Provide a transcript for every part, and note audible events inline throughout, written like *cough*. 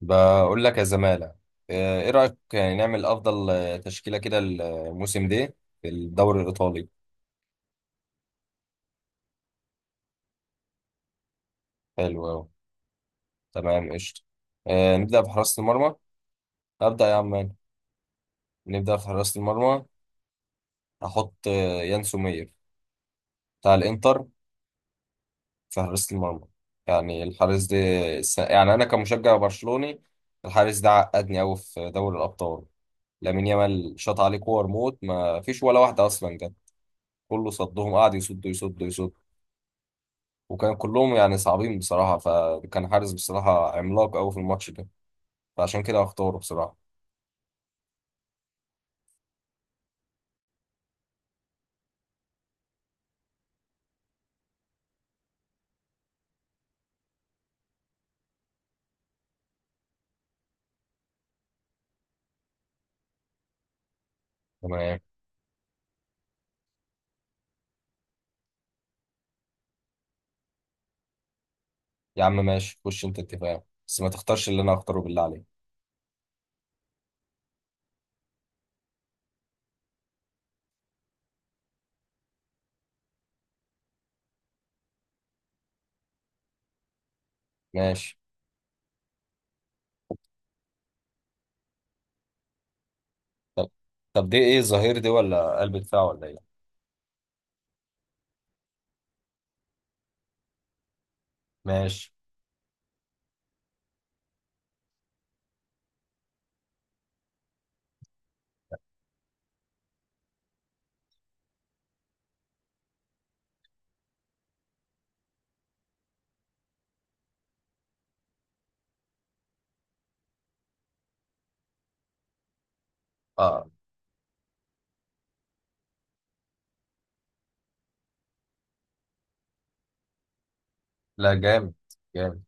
بقول لك يا زمالة. ايه رأيك يعني نعمل افضل تشكيلة كده الموسم ده في الدوري الايطالي. حلو أوي. تمام قشطة. نبدأ بحراسة المرمى. أبدأ يا عم أنا. نبدأ في حراسة المرمى. هحط يان سومير بتاع الانتر في حراسة المرمى. يعني الحارس ده يعني انا كمشجع برشلوني، الحارس ده عقدني قوي في دوري الابطال. لامين يامال شاط عليه كور موت، ما فيش ولا واحدة اصلا جت، كله صدهم، قعد يصد يصد يصد، وكان كلهم يعني صعبين بصراحة، فكان حارس بصراحة عملاق أوي في الماتش ده، فعشان كده هختاره بصراحة. تمام. يا عم ماشي خش أنت اتفاق بس ما تختارش اللي أنا هختاره بالله عليك. ماشي. طب طب دي إيه؟ الظهير دي ولا قلب دفاع ولا إيه؟ ماشي. آه لا جامد. جامد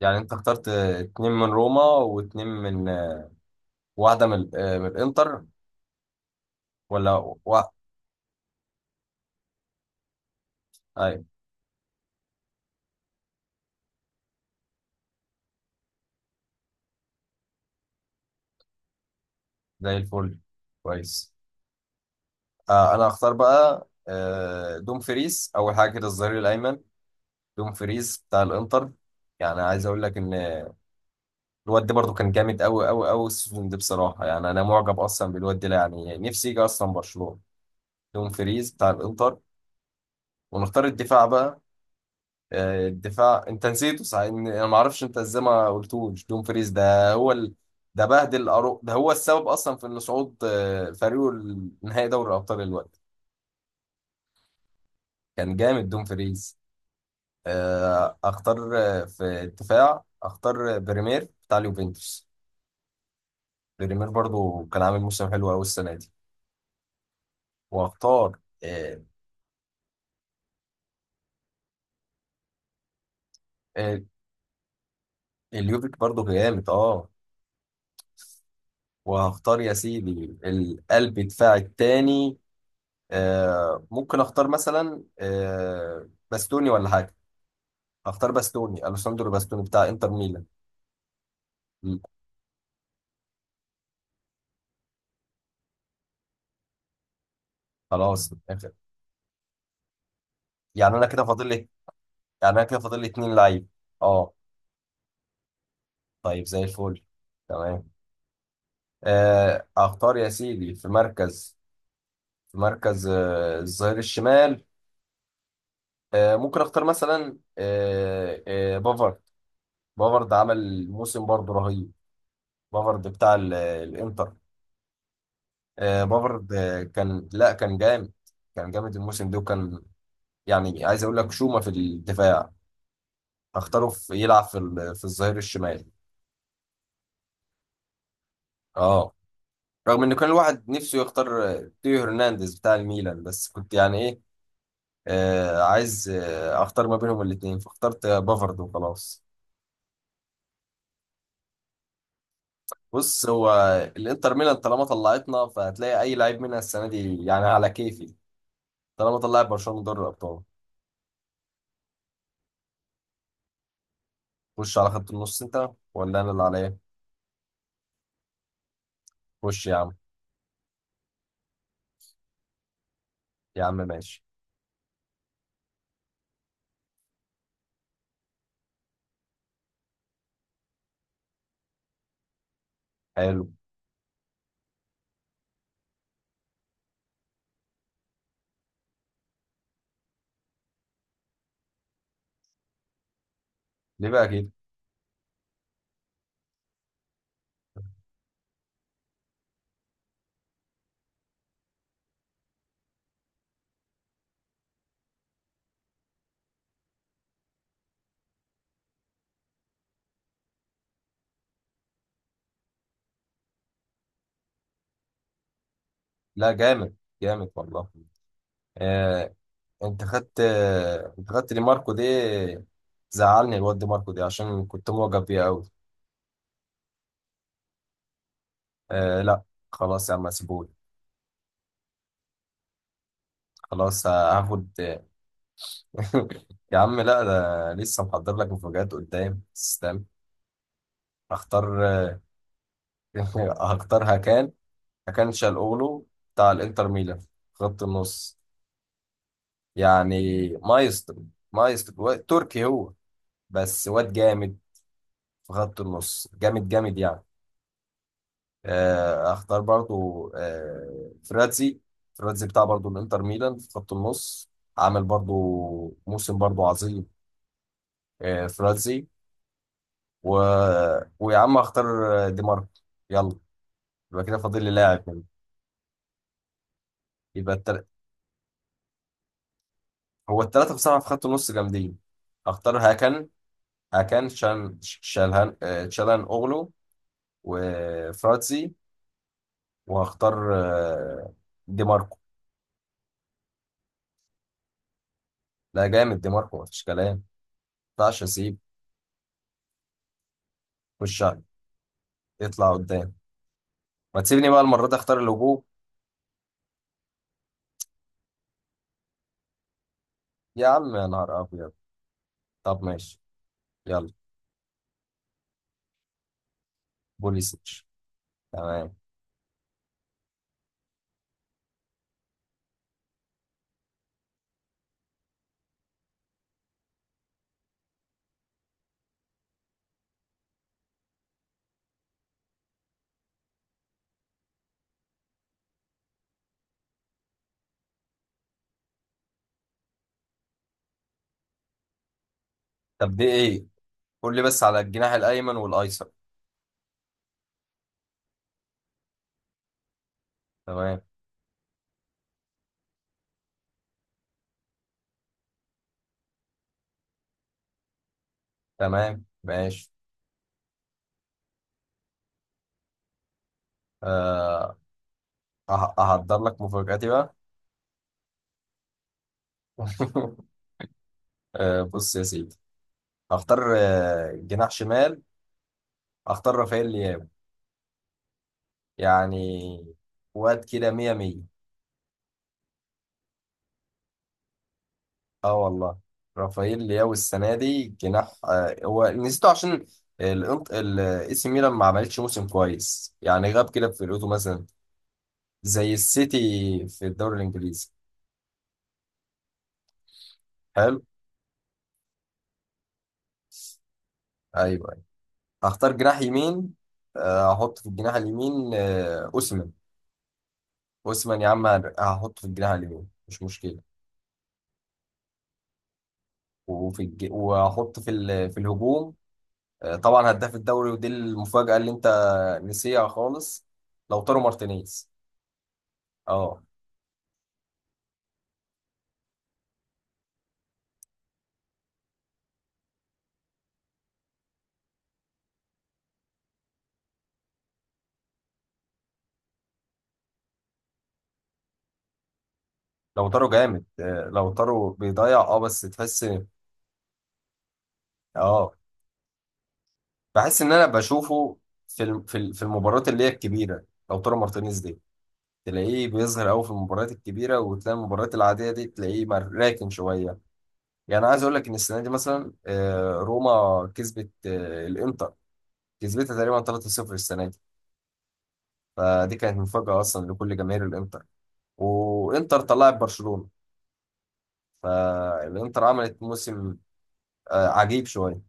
يعني. أنت اخترت اتنين من روما واتنين من واحدة من من الإنتر، ولا واحد؟ أيوة زي الفل. كويس. أنا هختار بقى دومفريس أول حاجة كده، الظهير الأيمن. دومفريز بتاع الانتر. يعني عايز اقول لك ان الواد ده برضو كان جامد قوي قوي قوي السيزون ده بصراحه، يعني انا معجب اصلا بالواد ده، يعني نفسي يجي اصلا برشلونه. دومفريز بتاع الانتر. ونختار الدفاع بقى. الدفاع انت نسيته صحيح، انا ما اعرفش انت ازاي ما قلتوش دومفريز ده هو. ده هو السبب اصلا في ان صعود فريقه لنهائي دوري الابطال الوقت. كان جامد دومفريز. اختار في الدفاع اختار بريمير بتاع اليوفنتوس. ريمير برضو كان عامل موسم حلو قوي السنه دي. وهختار آه، اليوفيك برضو جامد اه. وهختار يا سيدي القلب دفاع التاني. ممكن اختار مثلا باستوني ولا حاجه. اختار باستوني، الوساندرو باستوني بتاع انتر ميلان. مم، خلاص آخر. يعني انا كده فاضل لي يعني انا كده فاضل لي اتنين لعيب، اه. طيب زي الفل. تمام. اختار يا سيدي في مركز الظهير الشمال. ممكن اختار مثلا بافارد. بافارد عمل موسم برضه رهيب. بافارد بتاع الانتر. بافارد كان لا كان جامد. كان جامد الموسم ده، وكان يعني عايز اقول لك شومة في الدفاع. اختاره في يلعب في في الظهير الشمال، اه. رغم انه كان الواحد نفسه يختار تيو هرنانديز بتاع الميلان، بس كنت يعني ايه، عايز اختار ما بينهم الاثنين، فاخترت بافارد وخلاص. بص هو الانتر ميلان طالما طلعتنا، فهتلاقي اي لعيب منها السنه دي يعني على كيفي، طالما طلعت برشلونه من دوري الابطال. خش على خط النص انت، ولا انا اللي عليا؟ خش يا عم. يا عم ماشي. حلو. ليه بقى كده؟ لا جامد. جامد والله. آه انت خدت دي ماركو دي. زعلني الواد دي ماركو دي عشان كنت معجب بيه قوي. آه لا، خلاص يا عم سيبوني. خلاص هاخد. *laughs* يا عم لا، ده لسه محضر لك مفاجآت قدام، استنى. اختار. *laughs* هختار هكان شالقولو بتاع الانتر ميلان، خط النص. يعني مايسترو. مايسترو تركي هو، بس واد جامد. في خط النص جامد جامد يعني. اختار برضو فراتزي. فراتزي بتاع برضو الانتر ميلان في خط النص. عامل برضو موسم برضو عظيم. فراتزي و... ويا عم اختار دي ماركو. يلا. يبقى كده فاضل لي لاعب منه. يبقى التلاتة. هو الثلاثة بصراحة في خط النص جامدين. اختار هاكان هاكان شان شالهان آه، تشالهان اوغلو، وفراتسي، وهختار دي ماركو. لا جامد، دي ماركو مفيش كلام. ما ينفعش اسيب. خش عليه. يطلع قدام. ما تسيبني بقى المرة دي اختار الهجوم. يا عم يا نهار ابيض. طب ماشي. يلا. بوليسيتش. تمام. طب دي ايه؟ قول لي بس على الجناح الايمن والايسر. تمام. تمام ماشي. أه أهدر لك مفاجأتي بقى. *laughs* بص يا سيدي. هختار جناح شمال، هختار رافائيل لياو. يعني واد كده مية مية. اه والله. رافائيل لياو السنة دي جناح، هو نسيته عشان الاي سي ميلان ما عملتش موسم كويس، يعني غاب كده في فرقته مثلا، زي السيتي في الدوري الانجليزي. حلو. ايوه. أيوة. هختار جناح يمين. هحط في الجناح اليمين اوسمان. اوسمان يا عم، هحطه في الجناح اليمين مش مشكلة. وفي واحط في في الهجوم طبعا هداف الدوري، ودي المفاجأة اللي انت نسيها خالص، لوتارو مارتينيز. اه لوتارو جامد. لوتارو بيضيع اه، بس تحس، اه بحس ان انا بشوفه في في المباريات اللي هي الكبيرة. لوتارو مارتينيز دي تلاقيه بيظهر قوي في المباريات الكبيرة، وتلاقي المباريات العادية دي تلاقيه راكن شوية. يعني عايز اقول لك ان السنة دي مثلا روما كسبت الانتر، كسبتها تقريبا 3-0 السنة دي. فدي كانت مفاجأة أصلا لكل جماهير الإنتر، وإنتر طلعت برشلونة، فالإنتر عملت موسم عجيب شوية.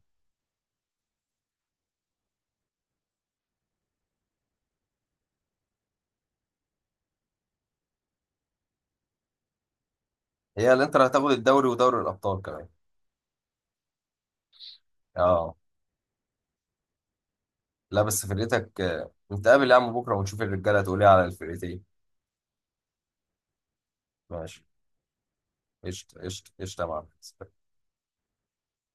هي الإنتر هتاخد الدوري ودوري الأبطال كمان، اه. لا بس فرقتك نتقابل يا عم بكرة ونشوف الرجالة تقول إيه على الفرقتين. ماشي. قشطة قشطة قشطة يا معلم.